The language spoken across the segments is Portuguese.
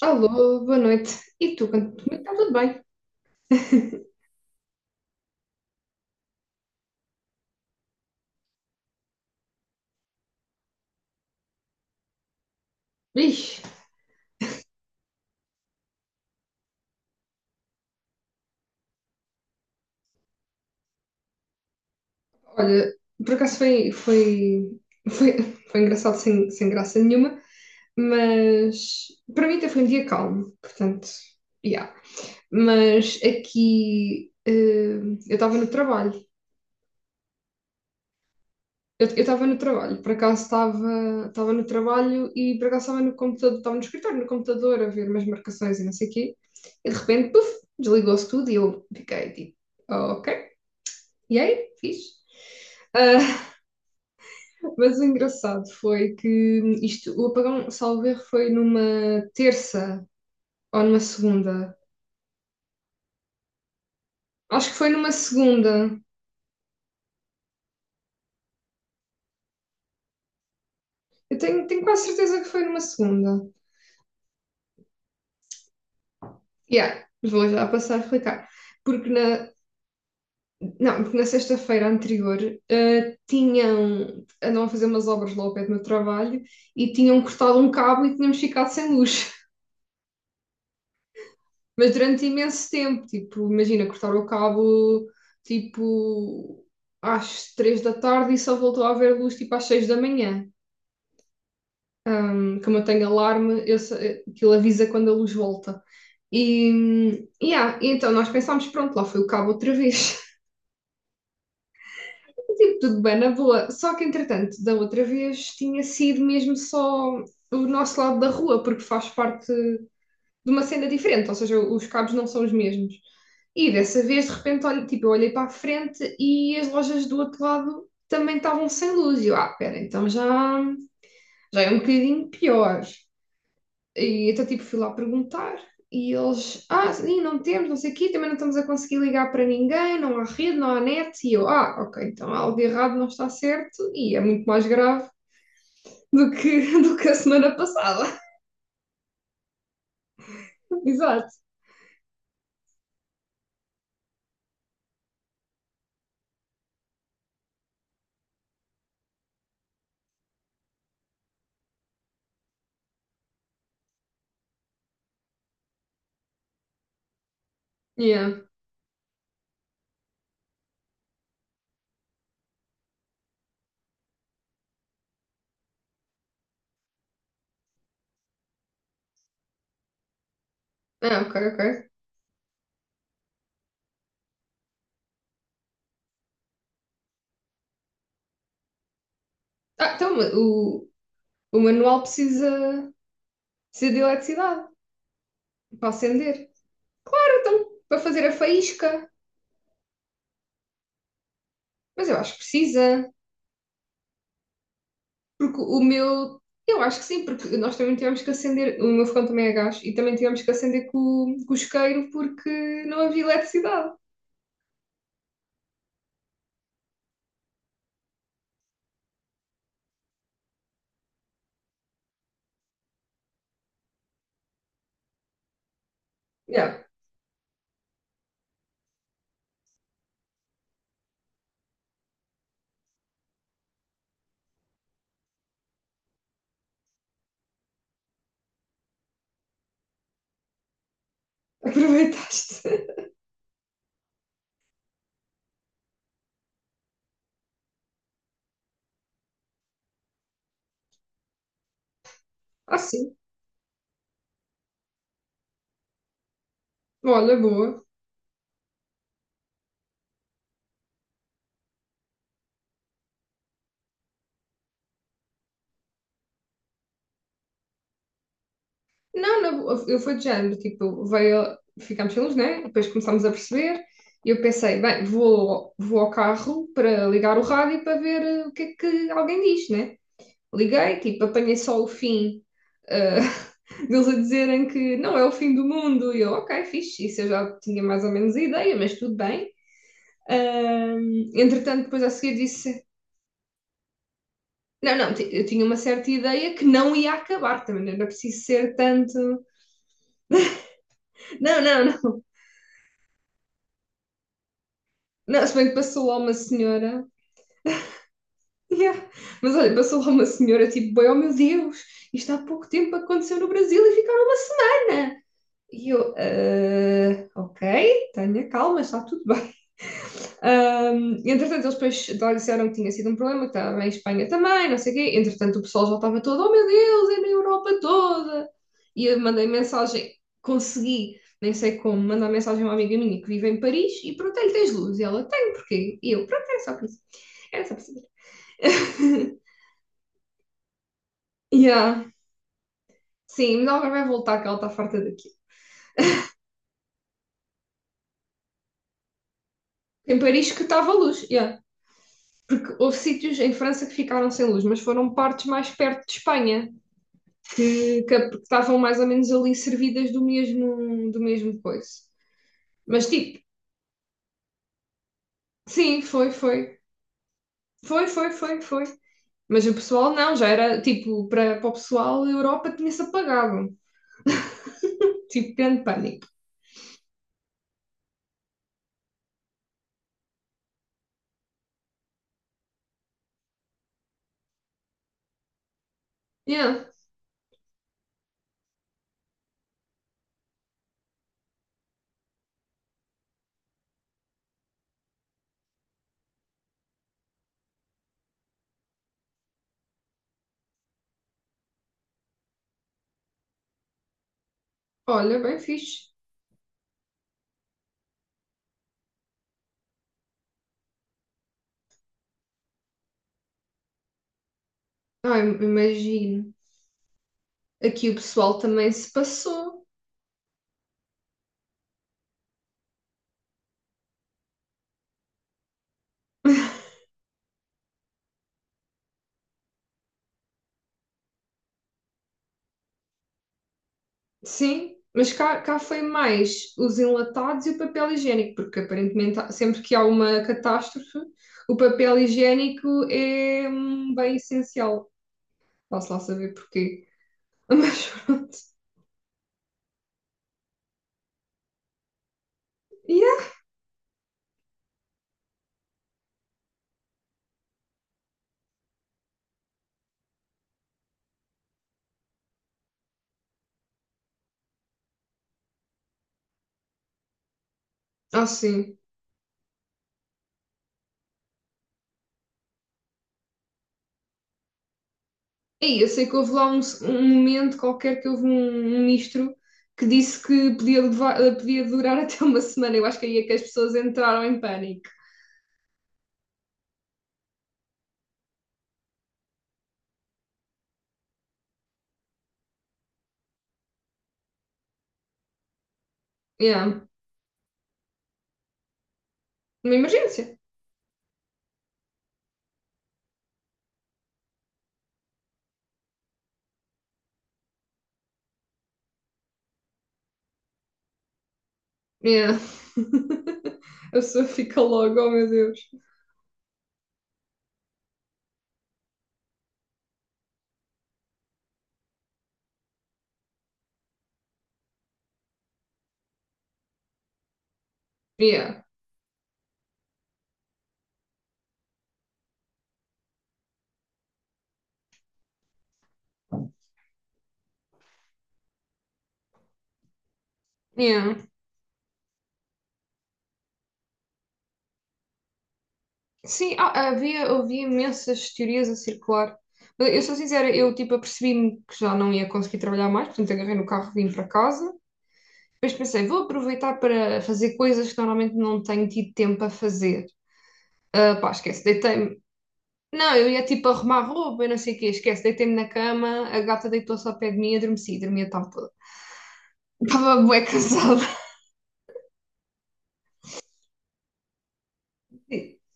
Alô, boa noite. E tu, como é que está tudo bem? Vixe, olha, por acaso foi, foi engraçado sem graça nenhuma, mas para mim até foi um dia calmo, portanto, yeah. Mas aqui, eu estava no trabalho. Eu estava no trabalho, por acaso estava no trabalho e por acaso estava no computador, estava no escritório, no computador a ver umas marcações e não sei o quê, e de repente, puf, desligou-se tudo e eu fiquei tipo, ok. E aí, fiz. Ah, mas o engraçado foi que isto, o apagão, salvo erro, foi numa terça ou numa segunda. Acho que foi numa segunda. Eu tenho, tenho quase certeza que foi numa segunda. Yeah, vou já passar a explicar. Porque na, não, porque na sexta-feira anterior, andavam a fazer umas obras lá ao pé do meu trabalho e tinham cortado um cabo e tínhamos ficado sem luz. Mas durante imenso tempo, tipo, imagina, cortaram o cabo, tipo, às 3 da tarde e só voltou a haver luz, tipo, às 6 da manhã. Como eu tenho alarme, aquilo avisa quando a luz volta. E, yeah, e então nós pensámos, pronto, lá foi o cabo outra vez. Tipo, tudo bem, na boa. Só que, entretanto, da outra vez tinha sido mesmo só o nosso lado da rua, porque faz parte de uma cena diferente, ou seja, os cabos não são os mesmos. E dessa vez, de repente, olha, tipo, eu olhei para a frente e as lojas do outro lado também estavam sem luz. E eu, ah, pera, então já é um bocadinho pior. E então, tipo, fui lá perguntar e eles, ah, sim, não temos, não sei o quê, também não estamos a conseguir ligar para ninguém, não há rede, não há net. E eu, ah, ok, então algo de errado não está certo e é muito mais grave do que a semana passada. Exato. Yeah. Ah, ok, ok. Ah, então, O manual precisa de eletricidade para acender. Claro, então, para fazer a faísca. Mas eu acho que precisa. Porque o meu. Eu acho que sim, porque nós também tivemos que acender. O meu fogão também é gás e também tivemos que acender com o isqueiro porque não havia eletricidade. Já, yeah, aproveitaste. Ah, sim. Olha, boa. Não, não, eu fui de género, tipo, veio, ficámos sem luz, né? Depois começámos a perceber e eu pensei, bem, vou ao carro para ligar o rádio para ver o que é que alguém diz, né? Liguei, tipo, apanhei só o fim, eh, deles a dizerem que não é o fim do mundo. E eu, ok, fixe, isso eu já tinha mais ou menos a ideia, mas tudo bem. Entretanto, depois a seguir disse, não, não, eu tinha uma certa ideia que não ia acabar também, não era preciso ser tanto. Não, não, não. Não, se bem que passou lá uma senhora. Yeah. Mas olha, passou lá uma senhora, tipo, bem, oh meu Deus, isto há pouco tempo aconteceu no Brasil e ficaram uma semana. E eu, "Ah, ok, tenha calma, está tudo bem. Entretanto, eles depois lá disseram que tinha sido um problema, que estava em Espanha também, não sei o quê. Entretanto, o pessoal já estava todo, oh meu Deus, é na Europa toda. E eu mandei mensagem, consegui, nem sei como, mandar mensagem a uma amiga minha que vive em Paris e perguntei-lhe, tens luz? E ela, tem porquê? E eu, pronto, era só por isso. Era só por saber. Yeah. Sim, mas ela vai voltar, que ela está farta daqui. Em Paris que estava luz, yeah. Porque houve sítios em França que ficaram sem luz, mas foram partes mais perto de Espanha. Que estavam mais ou menos ali servidas do mesmo coisa. Mas tipo, sim, foi, foi. Foi, foi, foi, foi. Mas o pessoal não, já era tipo, para o pessoal, a Europa tinha-se apagado. Tipo, grande pânico. Yeah. Olha, bem fixe. Ai, imagino. Aqui o pessoal também se passou. Sim, mas cá foi mais os enlatados e o papel higiênico, porque aparentemente sempre que há uma catástrofe, o papel higiênico é um bem essencial. Posso lá saber porquê. Mas pronto. Yeah. Ah, sim. E eu sei que houve lá um, um momento qualquer que houve um ministro que disse que podia durar até uma semana. Eu acho que aí é que as pessoas entraram em pânico. Yeah. Uma emergência. Yeah. A pessoa fica logo, oh meu Deus. Yeah. Yeah. Sim, havia imensas teorias a circular. Mas eu sou sincera, eu tipo apercebi-me que já não ia conseguir trabalhar mais, portanto agarrei no carro e vim para casa. Depois pensei, vou aproveitar para fazer coisas que normalmente não tenho tido tempo a fazer. Ah, pá, esquece, deitei-me. Não, eu ia tipo arrumar roupa, eu não sei o quê, esquece, deitei-me na cama, a gata deitou-se ao pé de mim e adormeci, dormia a tarde toda. Estava bué cansada.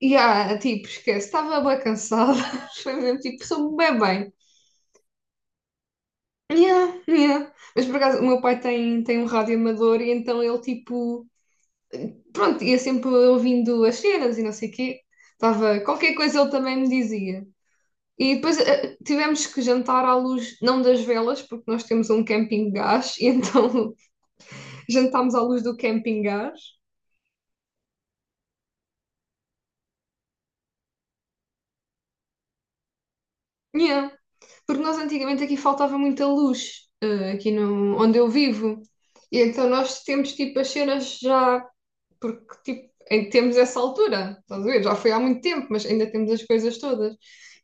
E, ah, tipo, esquece, estava bué cansada. Foi mesmo tipo, sou bué bem. Yeah, yeah. Mas por acaso, o meu pai tem um rádio amador e então ele tipo, pronto, ia sempre ouvindo as cenas e não sei o quê. Tava, qualquer coisa ele também me dizia. E depois tivemos que jantar à luz, não das velas, porque nós temos um camping gás, e então jantámos à luz do camping gás. Yeah. Porque nós antigamente aqui faltava muita luz, aqui no, onde eu vivo. E então nós temos tipo as cenas já. Porque tipo, ainda temos essa altura, estás a ver? Já foi há muito tempo, mas ainda temos as coisas todas.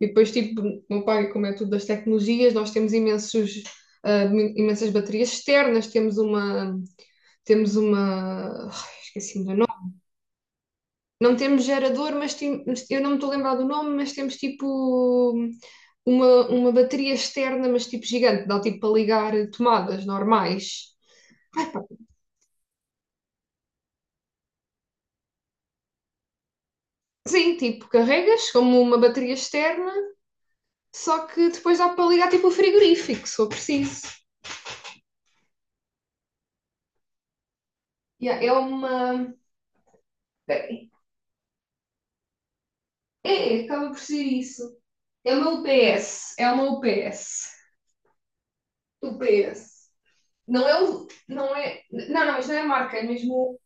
E depois, tipo, o meu pai, como é tudo das tecnologias, nós temos imensos, imensas baterias externas, temos uma, ai, esqueci-me do nome. Não temos gerador, mas mas eu não me estou a lembrar do nome, mas temos tipo uma bateria externa, mas tipo gigante, dá tipo para ligar tomadas normais. Sim, tipo, carregas como uma bateria externa só que depois dá para ligar tipo o frigorífico, se for preciso. Yeah, é uma. Peraí. É, acaba por ser isso. É uma UPS. É uma UPS. UPS. Não é o. Não é. Não, não, mas não é a marca, é mesmo.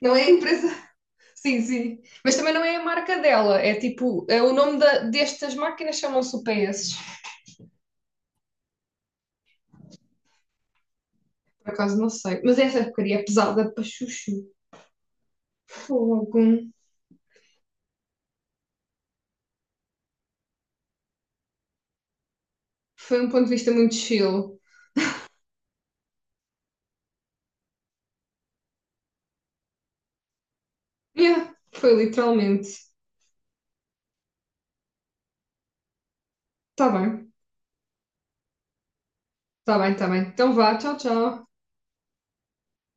Não é a empresa. Sim, sim. Mas também não é a marca dela. É tipo. É o nome destas máquinas chamam-se UPS. Por acaso não sei. Mas essa porcaria é pesada para chuchu. Fogo. Foi um ponto de vista muito chill. Yeah, foi literalmente. Está bem. Tá bem, tá bem. Então vá, tchau, tchau.